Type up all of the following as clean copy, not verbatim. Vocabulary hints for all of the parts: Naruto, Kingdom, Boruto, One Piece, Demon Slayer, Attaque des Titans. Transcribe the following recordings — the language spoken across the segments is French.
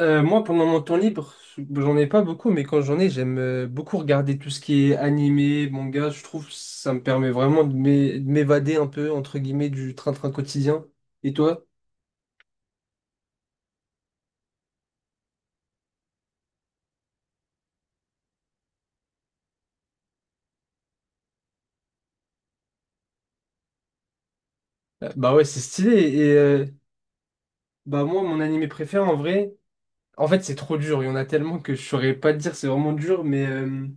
Moi, pendant mon temps libre, j'en ai pas beaucoup, mais quand j'en ai, j'aime beaucoup regarder tout ce qui est animé, manga. Je trouve que ça me permet vraiment de de m'évader un peu, entre guillemets, du train-train quotidien. Et toi? Bah ouais, c'est stylé. Et bah moi, mon animé préféré, en vrai, en fait, c'est trop dur. Il y en a tellement que je saurais pas te dire, c'est vraiment dur. Mais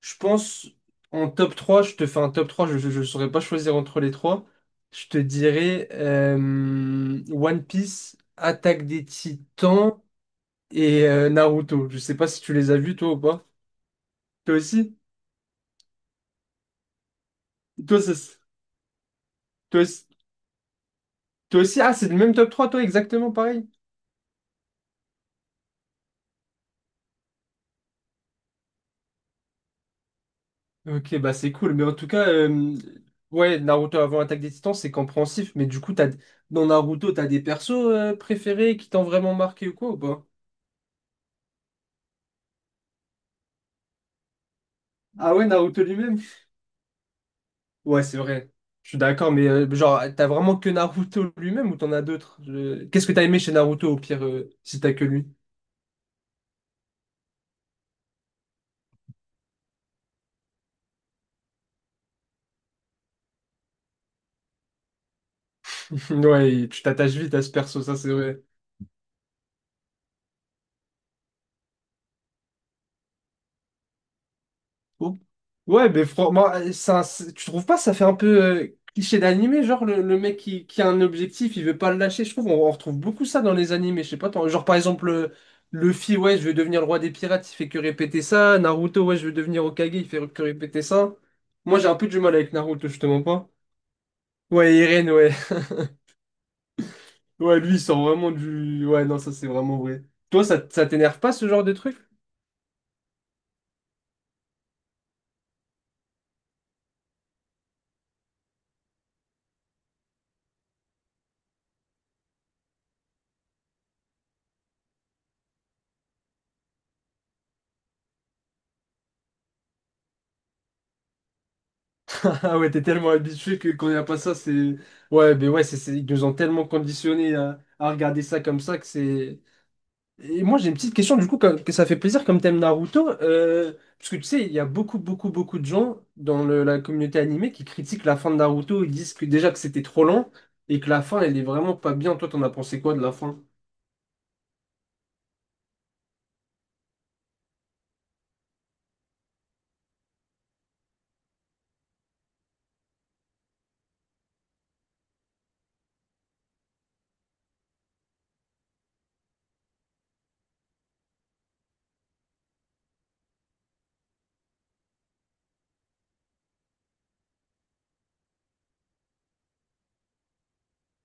je pense, en top 3, je te fais un top 3, je saurais pas choisir entre les trois. Je te dirais One Piece, Attaque des Titans, et Naruto. Je sais pas si tu les as vus toi ou pas. Toi aussi? Toi, ça s- toi, s- toi aussi? Ah, c'est le même top 3 toi, exactement pareil. Ok, bah c'est cool. Mais en tout cas, ouais, Naruto avant Attaque des Titans, c'est compréhensif. Mais du coup, t'as, dans Naruto, t'as des persos préférés qui t'ont vraiment marqué ou quoi ou pas? Ah ouais, Naruto lui-même? Ouais, c'est vrai. Je suis d'accord, mais genre, t'as vraiment que Naruto lui-même ou t'en as d'autres? Qu'est-ce que t'as aimé chez Naruto au pire, si t'as que lui? Ouais, tu t'attaches vite à ce perso, ça c'est vrai. Oh. Ouais, mais franchement, tu trouves pas ça fait un peu cliché d'animé, genre le mec qui a un objectif, il veut pas le lâcher. Je trouve on retrouve beaucoup ça dans les animés. Je sais pas, genre par exemple Luffy, ouais, je veux devenir le roi des pirates, il fait que répéter ça. Naruto, ouais, je veux devenir Hokage, il fait que répéter ça. Moi, j'ai un peu du mal avec Naruto, justement pas. Ouais, Irene, ouais. Ouais, lui, il sort vraiment du... Ouais, non, ça, c'est vraiment vrai. Toi, ça t'énerve pas, ce genre de truc? Ah ouais, t'es tellement habitué que quand il n'y a pas ça, c'est... Ouais, mais ouais, ils nous ont tellement conditionnés à regarder ça comme ça que c'est... Et moi, j'ai une petite question, du coup, que ça fait plaisir comme thème Naruto, parce que tu sais, il y a beaucoup, beaucoup, beaucoup de gens dans la communauté animée qui critiquent la fin de Naruto, ils disent que déjà que c'était trop lent et que la fin, elle est vraiment pas bien. Toi, t'en as pensé quoi de la fin?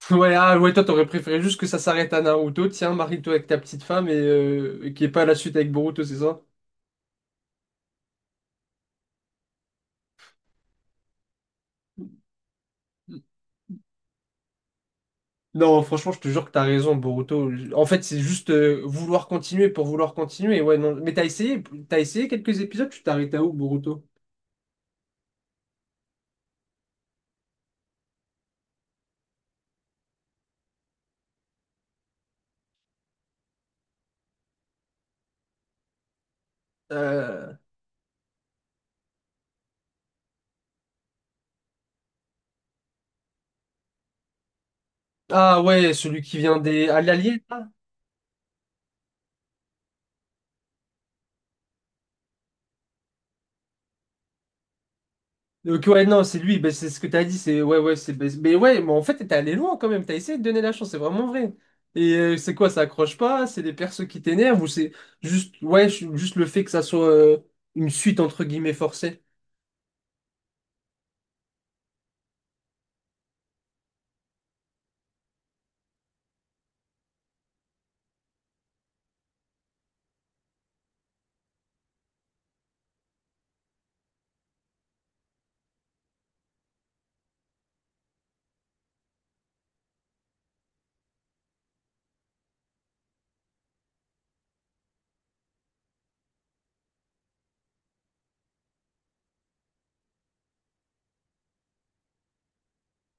Ouais, ah, ouais, toi, t'aurais préféré juste que ça s'arrête à Naruto, tiens, marie-toi avec ta petite femme et qu'il n'y ait pas la suite avec Boruto, c'est ça? Non, franchement, je te jure que t'as raison, Boruto. En fait, c'est juste vouloir continuer pour vouloir continuer, ouais, non. Mais t'as essayé quelques épisodes, tu t'arrêtes à où, Boruto? Euh, Ah ouais, celui qui vient des... À l'Allier, là? Donc ouais, non, c'est lui, ben, c'est ce que t'as dit, c'est... Ouais, ouais, c'est... ben, mais ouais, mais en fait, t'es allé loin quand même, t'as essayé de donner la chance, c'est vraiment vrai. Et c'est quoi, ça accroche pas? C'est des persos qui t'énervent ou c'est juste... Ouais, juste le fait que ça soit une suite, entre guillemets, forcée?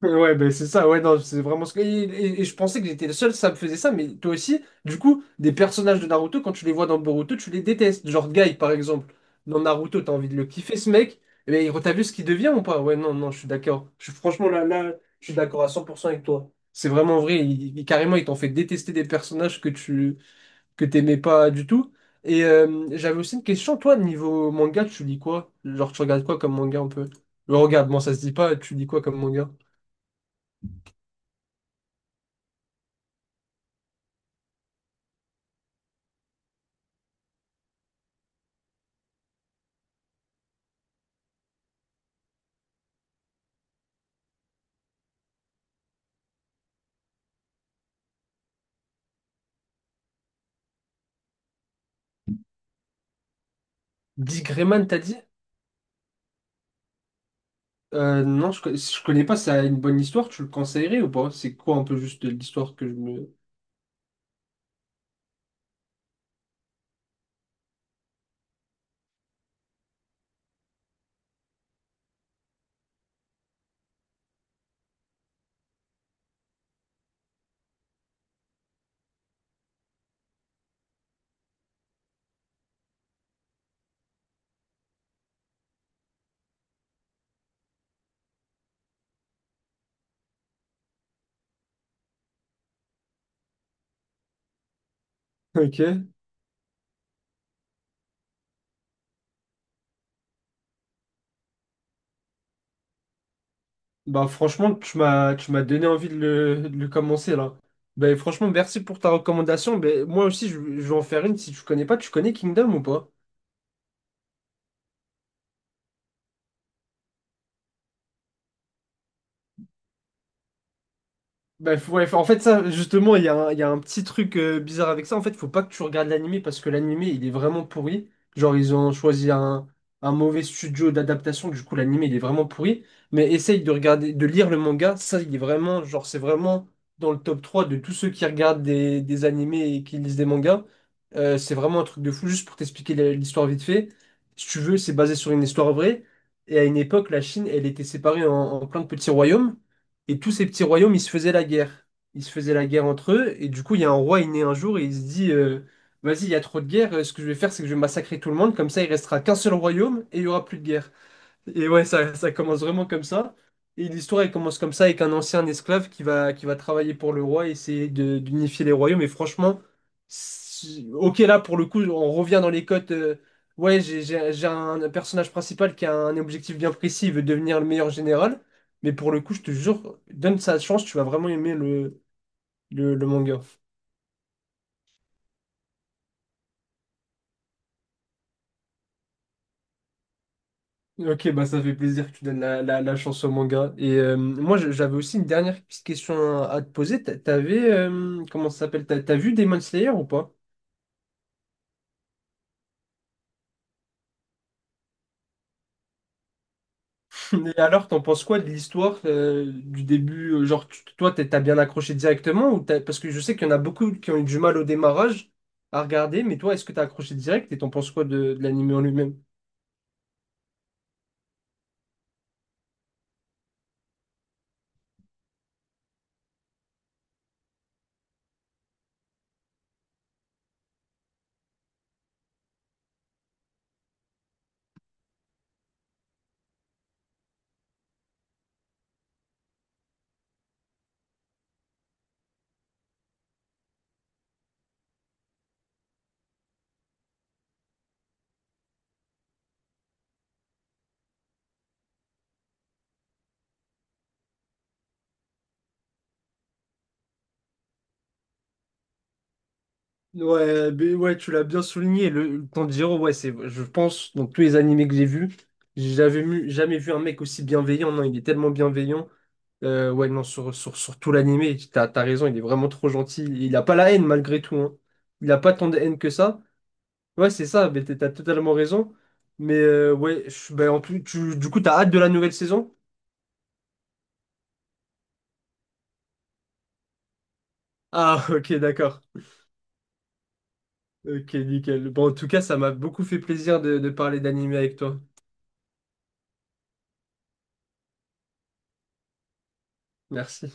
Ouais, ben c'est ça, ouais, non, c'est vraiment ce que. Et je pensais que j'étais le seul, ça me faisait ça, mais toi aussi, du coup, des personnages de Naruto, quand tu les vois dans Boruto, tu les détestes. Genre Guy, par exemple, dans Naruto, t'as envie de le kiffer, ce mec, mais t'as vu ce qu'il devient ou pas? Ouais, non, non, je suis d'accord. Je suis franchement là, là, je suis d'accord à 100% avec toi. C'est vraiment vrai, carrément, il t'en fait détester des personnages que t'aimais pas du tout. Et j'avais aussi une question, toi, niveau manga, tu lis quoi? Genre, tu regardes quoi comme manga un peu? Regarde, moi, ça se dit pas, tu lis quoi comme manga? Disgreman, t'as dit? Non, je connais pas, ça a une bonne histoire, tu le conseillerais ou pas? C'est quoi un peu juste l'histoire que je me... Ok. Bah franchement, tu m'as donné envie de de le commencer là. Bah franchement, merci pour ta recommandation. Bah, moi aussi, je vais en faire une. Si tu connais pas, tu connais Kingdom ou pas? Bah, ouais, en fait, ça, justement, il y a un petit truc bizarre avec ça. En fait, faut pas que tu regardes l'animé parce que l'animé, il est vraiment pourri. Genre, ils ont choisi un mauvais studio d'adaptation. Du coup, l'animé, il est vraiment pourri. Mais essaye de regarder, de lire le manga. Ça, il est vraiment, genre, c'est vraiment dans le top 3 de tous ceux qui regardent des animés et qui lisent des mangas. C'est vraiment un truc de fou. Juste pour t'expliquer l'histoire vite fait. Si tu veux, c'est basé sur une histoire vraie. Et à une époque, la Chine, elle était séparée en plein de petits royaumes. Et tous ces petits royaumes, ils se faisaient la guerre. Ils se faisaient la guerre entre eux. Et du coup, il y a un roi, il naît un jour et il se dit, vas-y, il y a trop de guerre. Ce que je vais faire, c'est que je vais massacrer tout le monde. Comme ça, il restera qu'un seul royaume et il y aura plus de guerre. Et ouais, ça commence vraiment comme ça. Et l'histoire, elle commence comme ça avec un ancien esclave qui va travailler pour le roi et essayer de- d'unifier les royaumes. Et franchement, ok, là, pour le coup, on revient dans les codes. Ouais, j'ai un personnage principal qui a un objectif bien précis, il veut devenir le meilleur général. Mais pour le coup, je te jure, donne sa chance, tu vas vraiment aimer le manga. Ok, bah ça fait plaisir que tu donnes la chance au manga. Et moi, j'avais aussi une dernière petite question à te poser. Comment ça s'appelle? T'as vu Demon Slayer ou pas? Et alors, t'en penses quoi de l'histoire du début? Genre, t'as bien accroché directement ou parce que je sais qu'il y en a beaucoup qui ont eu du mal au démarrage à regarder, mais toi, est-ce que t'as accroché direct et t'en penses quoi de l'anime en lui-même? Ouais, mais ouais, tu l'as bien souligné. Le Tanjiro, ouais, c'est, je pense, dans tous les animés que j'ai vus, j'avais vu jamais vu un mec aussi bienveillant. Non, il est tellement bienveillant. Ouais, non, sur tout l'animé, t'as raison, il est vraiment trop gentil. Il a pas la haine malgré tout, hein. Il a pas tant de haine que ça. Ouais, c'est ça, mais t'as totalement raison. Mais ouais, ben, en plus, tu, du coup, t'as hâte de la nouvelle saison? Ah, ok, d'accord. Ok, nickel. Bon, en tout cas, ça m'a beaucoup fait plaisir de parler d'animé avec toi. Merci.